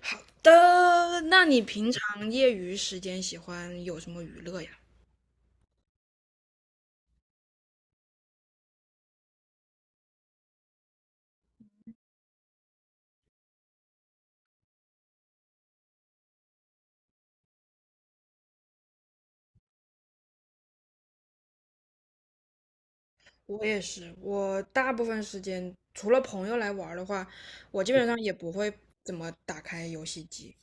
好的，那你平常业余时间喜欢有什么娱乐呀？我也是，我大部分时间除了朋友来玩儿的话，我基本上也不会怎么打开游戏机。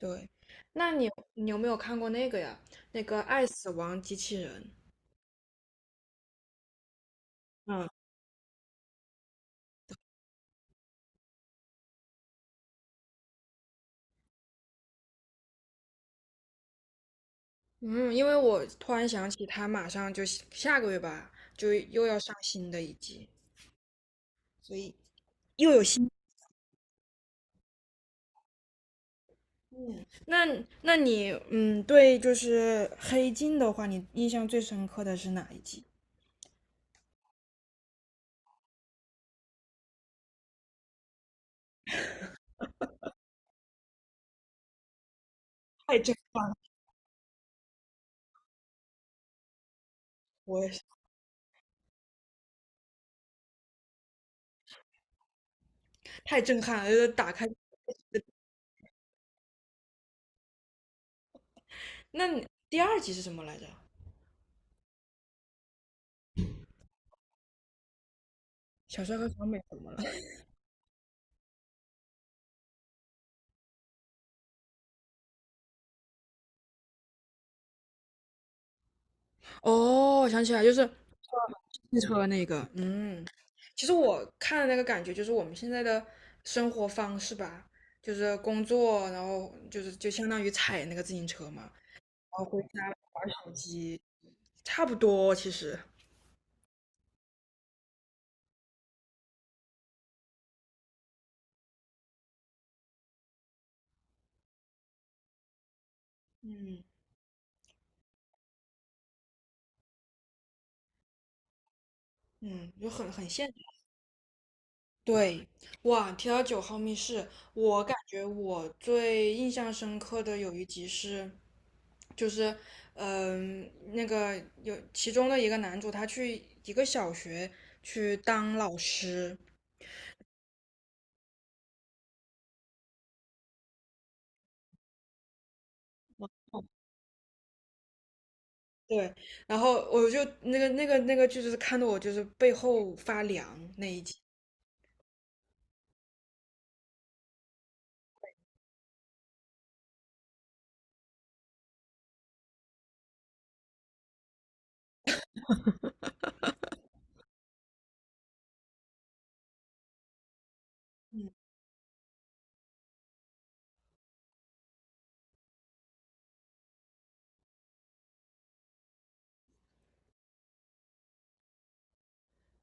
对，那你有没有看过那个呀？那个《爱死亡机器人》。嗯嗯，因为我突然想起，它马上就下下个月吧，就又要上新的一季，所以又有新。那那你嗯，对，就是黑镜的话，你印象最深刻的是哪一集？太震撼了，我也是太震撼了，就是打开。那你第二集是什么来着？小帅和小美怎么了？哦，我想起来，就是汽车那个，嗯，其实我看的那个感觉就是我们现在的生活方式吧，就是工作，然后就是就相当于踩那个自行车嘛，然后回家玩手机，差不多其实。嗯，嗯，就很现实。对，哇，提到九号密室，我感觉我最印象深刻的有一集是，就是，那个有其中的一个男主，他去一个小学去当老师，对，然后我就那个剧，就是看得我就是背后发凉那一集。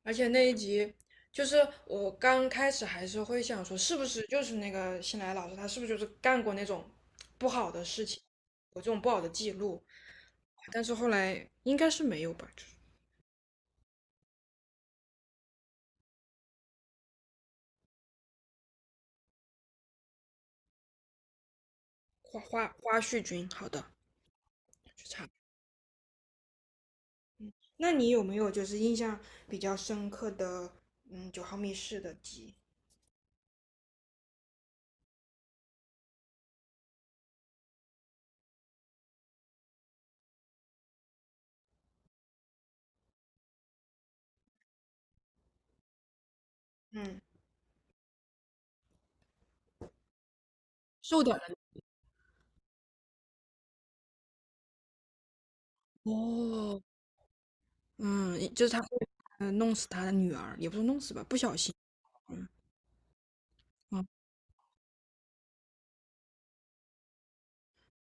而且那一集，就是我刚开始还是会想说，是不是就是那个新来老师，他是不是就是干过那种不好的事情，有这种不好的记录？但是后来应该是没有吧，就是花絮君，好的，去查。那你有没有就是印象比较深刻的，嗯，九号密室的集？嗯，瘦点儿的哦，嗯，就是他会，嗯，弄死他的女儿，也不是弄死吧，不小心，嗯，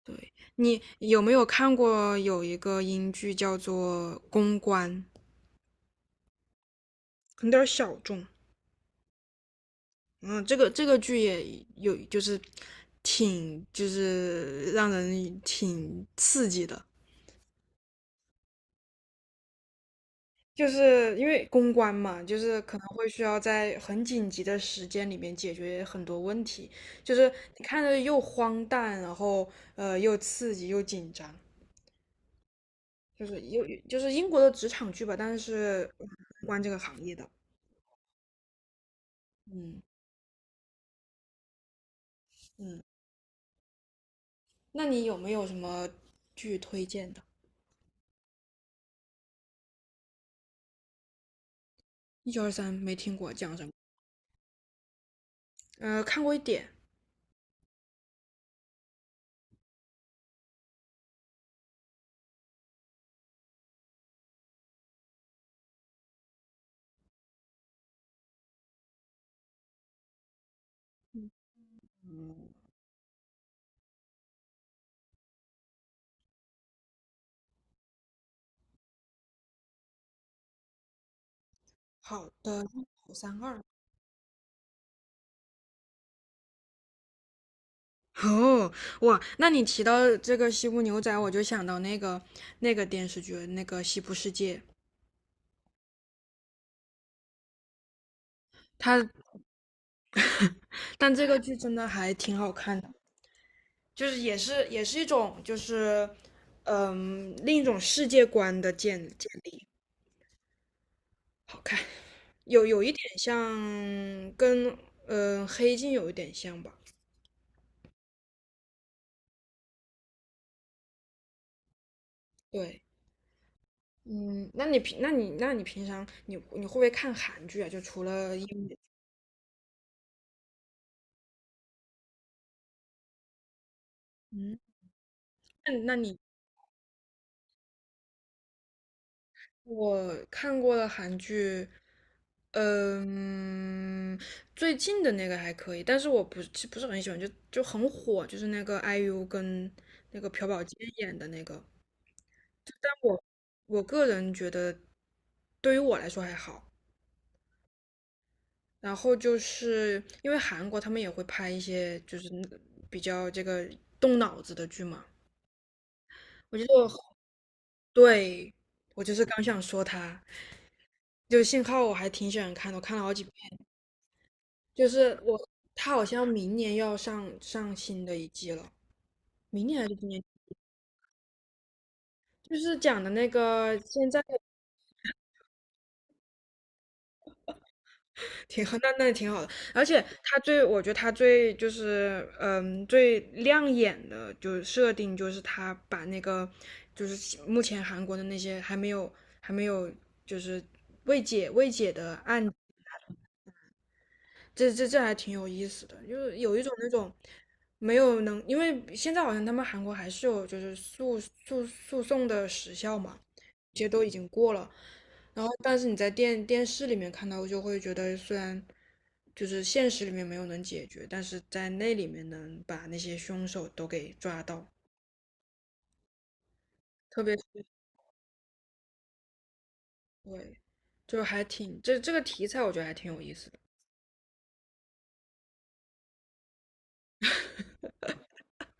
对，你有没有看过有一个英剧叫做《公关》，很点儿小众。嗯，这个剧也有，就是挺就是让人挺刺激的，就是因为公关嘛，就是可能会需要在很紧急的时间里面解决很多问题，就是你看着又荒诞，然后又刺激又紧张，就是又就是英国的职场剧吧，但是关这个行业的，嗯嗯。那你有没有什么剧推荐的？一九二三没听过，讲什么？看过一点。嗯好的，好三二。哦，哇，那你提到这个西部牛仔，我就想到那个电视剧，那个《西部世界》，它但这个剧真的还挺好看的，就是也是一种就是嗯另一种世界观的建立，好看，有一点像跟黑镜有一点像吧，对。嗯，那你平常你会不会看韩剧啊？就除了英语嗯，那那你我看过的韩剧，嗯，最近的那个还可以，但是我不是很喜欢，就很火，就是那个 IU 跟那个朴宝剑演的那个。但我个人觉得，对于我来说还好。然后就是因为韩国他们也会拍一些就是比较这个动脑子的剧嘛。我觉得。对，我就是刚想说他，就信号我还挺喜欢看的，我看了好几遍。就是我，他好像明年要上新的一季了，明年还是今年？就是讲的那个现在挺好，那挺好的。而且他最，我觉得他最就是最亮眼的就是设定，就是他把那个就是目前韩国的那些还没有就是未解的案这还挺有意思的，就是有一种那种没有能，因为现在好像他们韩国还是有就是诉讼的时效嘛，这些都已经过了，然后但是你在电视里面看到，就会觉得虽然就是现实里面没有能解决，但是在那里面能把那些凶手都给抓到，特别是对，就还挺这个题材我觉得还挺有意思的。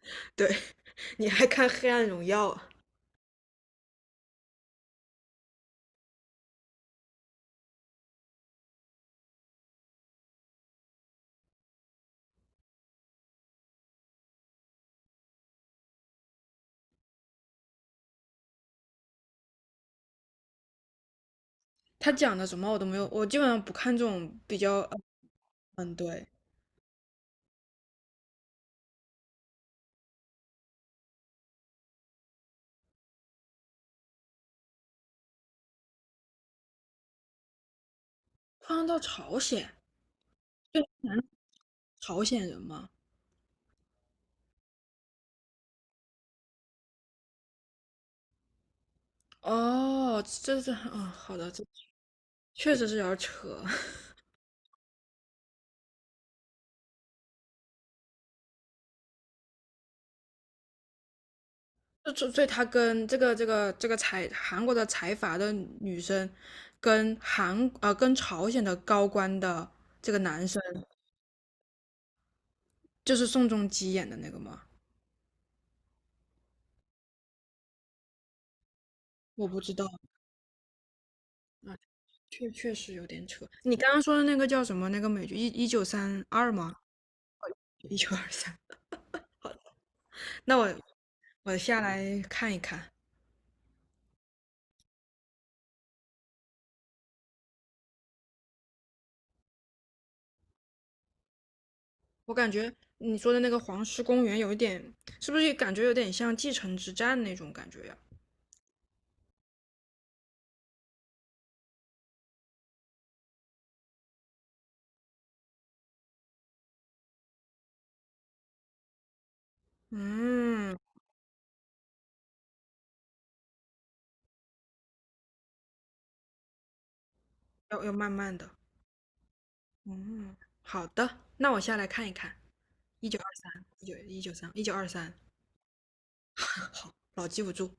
对，你还看《黑暗荣耀》啊？他讲的什么我都没有，我基本上不看这种比较，嗯，对，换到朝鲜，对，朝鲜人嘛，哦，这啊，嗯，好的，这确实是有点扯，所以他跟这个韩国的财阀的女生，跟跟朝鲜的高官的这个男生，就是宋仲基演的那个吗？我不知道啊，确实有点扯。你刚刚说的那个叫什么？那个美剧1932吗？一九二三。那我下来看一看。我感觉你说的那个黄石公园有一点，是不是感觉有点像继承之战那种感觉呀？嗯，要慢慢的。嗯，好的，那我下来看一看。一九二三，一九二三，一九二三老记不住。